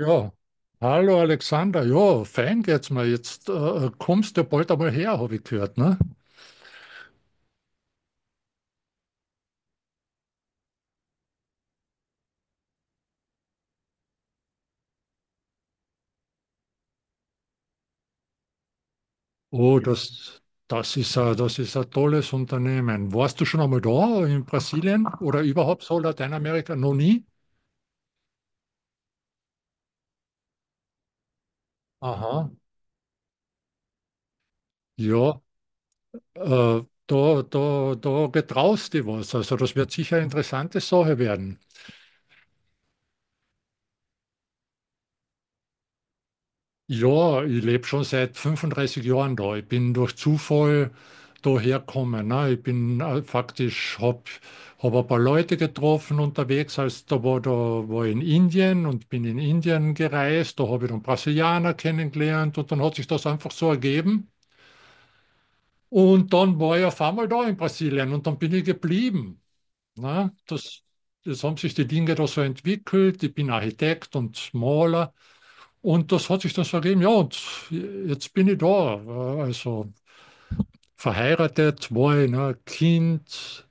Ja, hallo Alexander. Ja, fein geht's mir. Jetzt kommst du ja bald einmal her, habe ich gehört, ne? Oh, das ist das ist ein tolles Unternehmen. Warst du schon einmal da in Brasilien oder überhaupt so Lateinamerika? Noch nie? Aha. Ja, Äh, da getraust du was. Also das wird sicher eine interessante Sache werden. Ja, ich lebe schon seit 35 Jahren da. Ich bin durch Zufall daher gekommen. Ne? Ich bin faktisch, habe hab ein paar Leute getroffen unterwegs. Als da war ich in Indien und bin in Indien gereist. Da habe ich dann Brasilianer kennengelernt und dann hat sich das einfach so ergeben. Und dann war ich auf einmal da in Brasilien und dann bin ich geblieben. Na, das, Das haben sich die Dinge da so entwickelt. Ich bin Architekt und Maler und das hat sich dann so ergeben. Ja, und jetzt bin ich da. Also verheiratet, zwei, ne, Kind.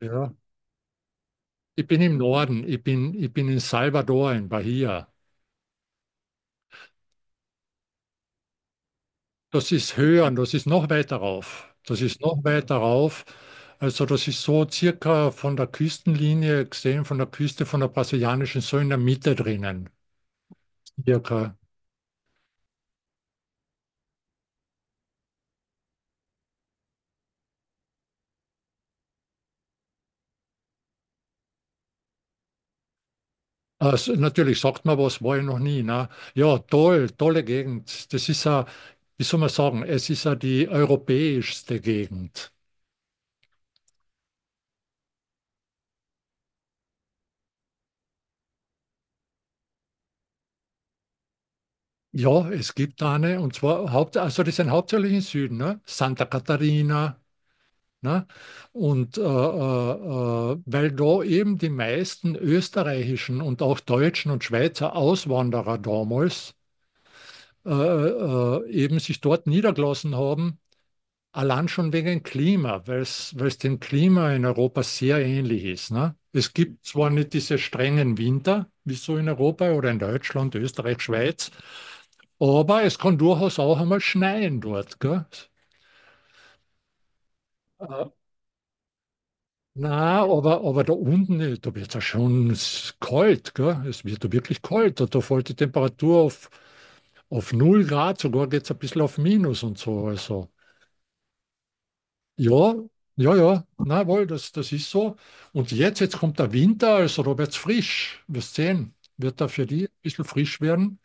Ja. Ich bin im Norden, ich bin in Salvador, in Bahia. Das ist höher und das ist noch weiter rauf. Das ist noch weiter rauf. Also das ist so circa von der Küstenlinie gesehen, von der Küste von der brasilianischen, so in der Mitte drinnen. Circa. Also natürlich sagt man was, war ich noch nie. Ne? Ja, toll, tolle Gegend. Das ist ja, wie soll man sagen, es ist ja die europäischste Gegend. Ja, es gibt eine, und zwar Haupt, also die sind hauptsächlich im Süden, ne? Santa Catarina, ne? Und weil da eben die meisten österreichischen und auch deutschen und Schweizer Auswanderer damals eben sich dort niedergelassen haben. Allein schon wegen Klima, weil es dem Klima in Europa sehr ähnlich ist. Ne? Es gibt zwar nicht diese strengen Winter, wie so in Europa oder in Deutschland, Österreich, Schweiz, aber es kann durchaus auch einmal schneien dort. Gell? Äh, na, aber da unten, da wird es ja schon kalt. Gell? Es wird da wirklich kalt. Da fällt die Temperatur auf null Grad, sogar geht es ein bisschen auf Minus und so. Also. Ja, ja, ja, na wohl, das, das ist so. Und jetzt kommt der Winter, also da wird's frisch. Wirst sehen, wird da für die ein bisschen frisch werden.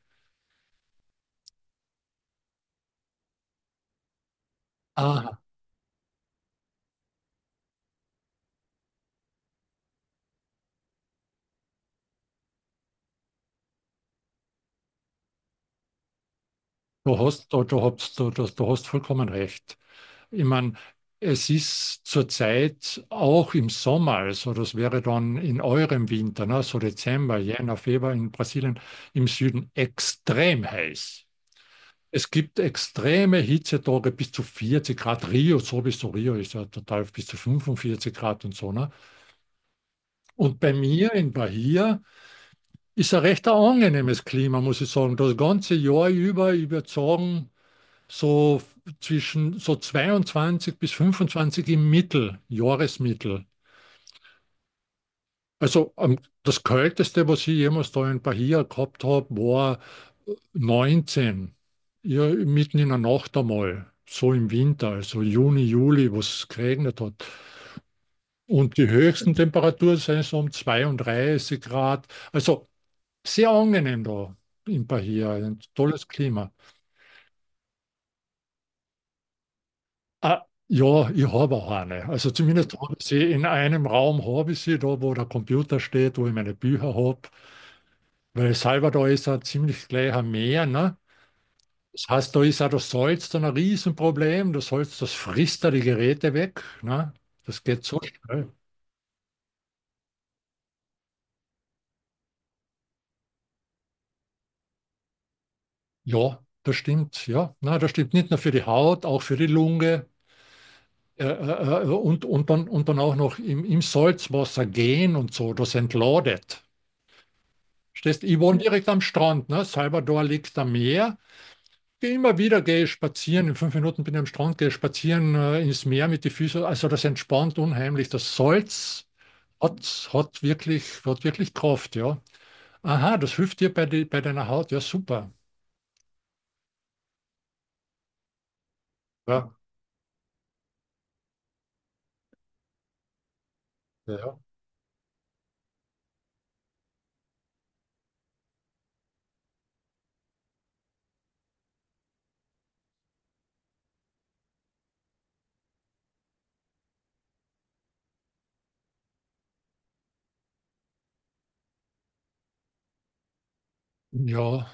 Ah, du hast vollkommen recht. Ich meine, es ist zurzeit auch im Sommer, also das wäre dann in eurem Winter, ne, so Dezember, Jänner, Februar in Brasilien im Süden extrem heiß. Es gibt extreme Hitzetage bis zu 40 Grad. Rio, sowieso Rio ist ja total bis zu 45 Grad und so. Ne? Und bei mir in Bahia ist ein recht angenehmes Klima, muss ich sagen. Das ganze Jahr über, ich würde sagen, so zwischen so 22 bis 25 im Mittel, Jahresmittel. Also das Kälteste, was ich jemals da in Bahia gehabt habe, war 19, ja, mitten in der Nacht einmal, so im Winter, also Juni, Juli, wo es geregnet hat. Und die höchsten Temperaturen sind so um 32 Grad. Also sehr angenehm da in Bahia, ein tolles Klima. Ah, ja, ich habe auch eine. Also zumindest habe ich sie in einem Raum, habe ich sie da, wo der Computer steht, wo ich meine Bücher habe. Weil Salvador ist ein ziemlich gleicher Meer, ne? Das heißt, da ist auch das Salz dann ein Riesenproblem. Das Salz, das frisst da die Geräte weg. Ne? Das geht so schnell. Ja, das stimmt. Ja, na, das stimmt nicht nur für die Haut, auch für die Lunge. Und dann auch noch im Salzwasser gehen und so. Das entladet. Stehst, ich wohne direkt am Strand. Ne? Salvador liegt am Meer. Geh Immer wieder gehe ich spazieren. In 5 Minuten bin ich am Strand, gehe spazieren ins Meer mit den Füßen. Also das entspannt unheimlich. Das Salz hat wirklich Kraft, ja. Aha, das hilft dir bei deiner Haut, ja, super. Ja, ja. Ja,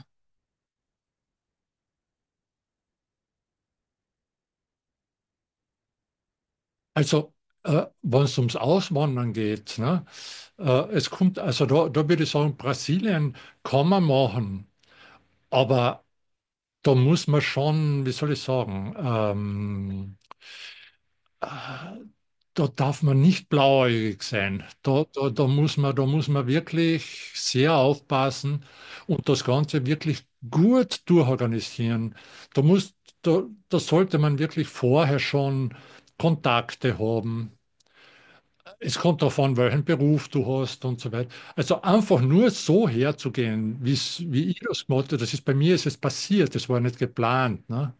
also, wenn es ums Auswandern geht, ne, also da würde ich sagen, Brasilien kann man machen, aber da muss man schon, wie soll ich sagen, Ah, da darf man nicht blauäugig sein. Da muss da muss man wirklich sehr aufpassen und das Ganze wirklich gut durchorganisieren. Da muss, da, Da sollte man wirklich vorher schon Kontakte haben. Es kommt darauf an, welchen Beruf du hast und so weiter. Also einfach nur so herzugehen, wie ich das gemacht habe, das ist bei mir ist es passiert, das war nicht geplant, ne?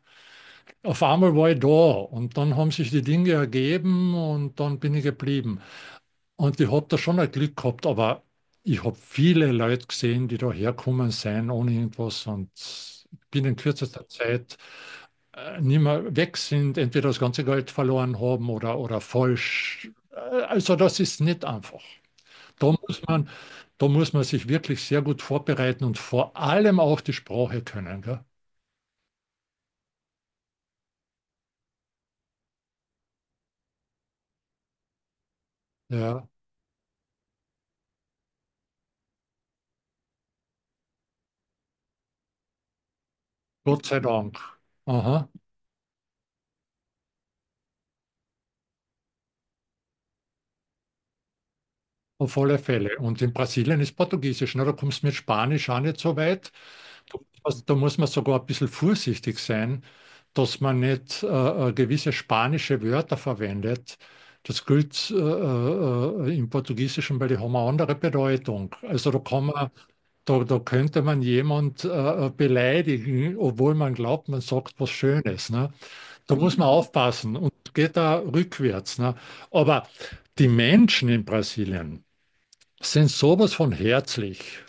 Auf einmal war ich da und dann haben sich die Dinge ergeben und dann bin ich geblieben. Und ich habe da schon ein Glück gehabt, aber ich habe viele Leute gesehen, die da herkommen sind ohne irgendwas und bin in kürzester Zeit nicht mehr weg sind, entweder das ganze Geld verloren haben oder falsch. Also das ist nicht einfach. Da muss man, Da muss man sich wirklich sehr gut vorbereiten und vor allem auch die Sprache können. Gell? Ja, Gott sei Dank. Aha. Auf alle Fälle. Und in Brasilien ist Portugiesisch, ne? Da kommst du mit Spanisch auch nicht so weit. Also da muss man sogar ein bisschen vorsichtig sein, dass man nicht gewisse spanische Wörter verwendet. Das gilt im Portugiesischen, weil die haben eine andere Bedeutung. Also da kann da könnte man jemand beleidigen, obwohl man glaubt, man sagt was Schönes, ne? Da muss man aufpassen und geht da rückwärts, ne? Aber die Menschen in Brasilien sind sowas von herzlich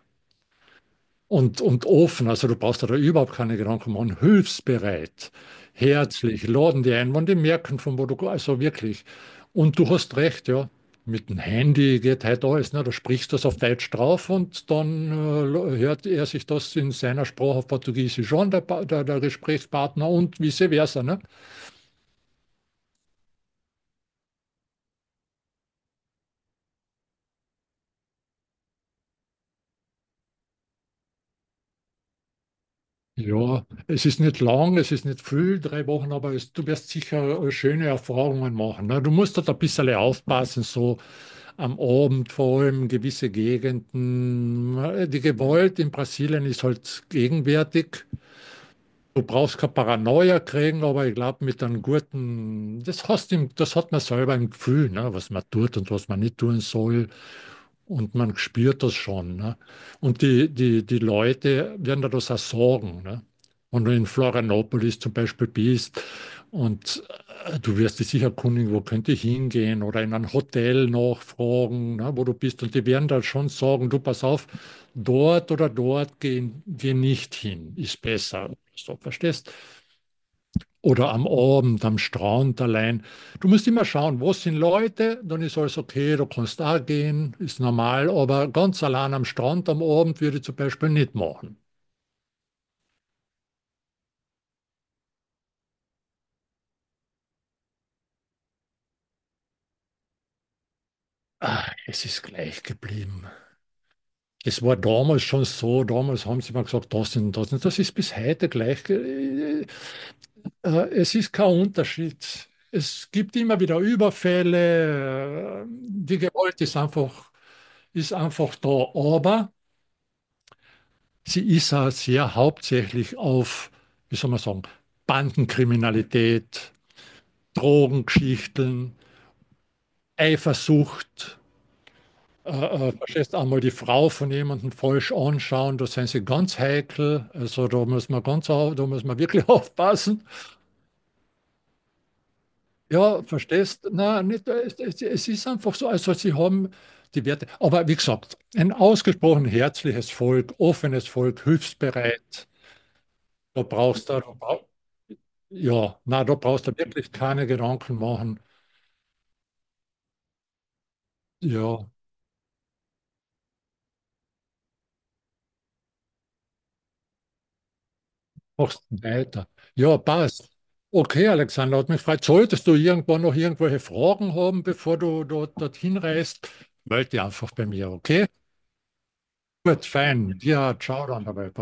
und offen. Also du brauchst dir da überhaupt keine Gedanken machen. Hilfsbereit, herzlich, laden die ein, wenn die merken, von wo du. Also wirklich. Und du hast recht, ja. Mit dem Handy geht halt alles. Ne? Du sprichst das auf Deutsch drauf und dann hört er sich das in seiner Sprache auf Portugiesisch an, der Gesprächspartner und vice versa. Ne? Ja, es ist nicht lang, es ist nicht viel, 3 Wochen, aber es, du wirst sicher schöne Erfahrungen machen. Ne? Du musst dort ein bisschen aufpassen, so am Abend vor allem gewisse Gegenden. Die Gewalt in Brasilien ist halt gegenwärtig. Du brauchst keine Paranoia kriegen, aber ich glaube, mit einem guten, das hat man selber im Gefühl, ne? Was man tut und was man nicht tun soll. Und man spürt das schon. Ne? Und die Leute werden dadurch auch sorgen. Ne? Wenn du in Florianopolis zum Beispiel bist und du wirst dich sicher erkundigen, wo könnte ich hingehen oder in ein Hotel nachfragen, ne, wo du bist. Und die werden da schon sagen, du pass auf, dort oder dort geh nicht hin, ist besser. So, verstehst? Oder am Abend, am Strand allein. Du musst immer schauen, wo sind Leute, dann ist alles okay, du kannst da gehen, ist normal, aber ganz allein am Strand am Abend würde ich zum Beispiel nicht machen. Ah, es ist gleich geblieben. Es war damals schon so, damals haben sie mal gesagt, das und das und das ist bis heute gleich. Es ist kein Unterschied. Es gibt immer wieder Überfälle, die Gewalt ist ist einfach da, aber sie ist auch sehr hauptsächlich auf, wie soll man sagen, Bandenkriminalität, Drogengeschichten, Eifersucht. Äh, Verstehst, einmal die Frau von jemandem falsch anschauen, da sind sie ganz heikel. Also da muss man da muss man wirklich aufpassen. Ja, verstehst? Nein, nicht, es ist einfach so. Also sie haben die Werte. Aber wie gesagt, ein ausgesprochen herzliches Volk, offenes Volk, hilfsbereit. Da brauchst du, Ja, na, da brauchst du wirklich keine Gedanken machen. Ja, machst weiter. Ja, passt. Okay, Alexander, hat mich gefreut. Solltest du irgendwann noch irgendwelche Fragen haben, bevor du dorthin reist, melde dich einfach bei mir, okay? Gut, fein. Ja, ciao dann dabei.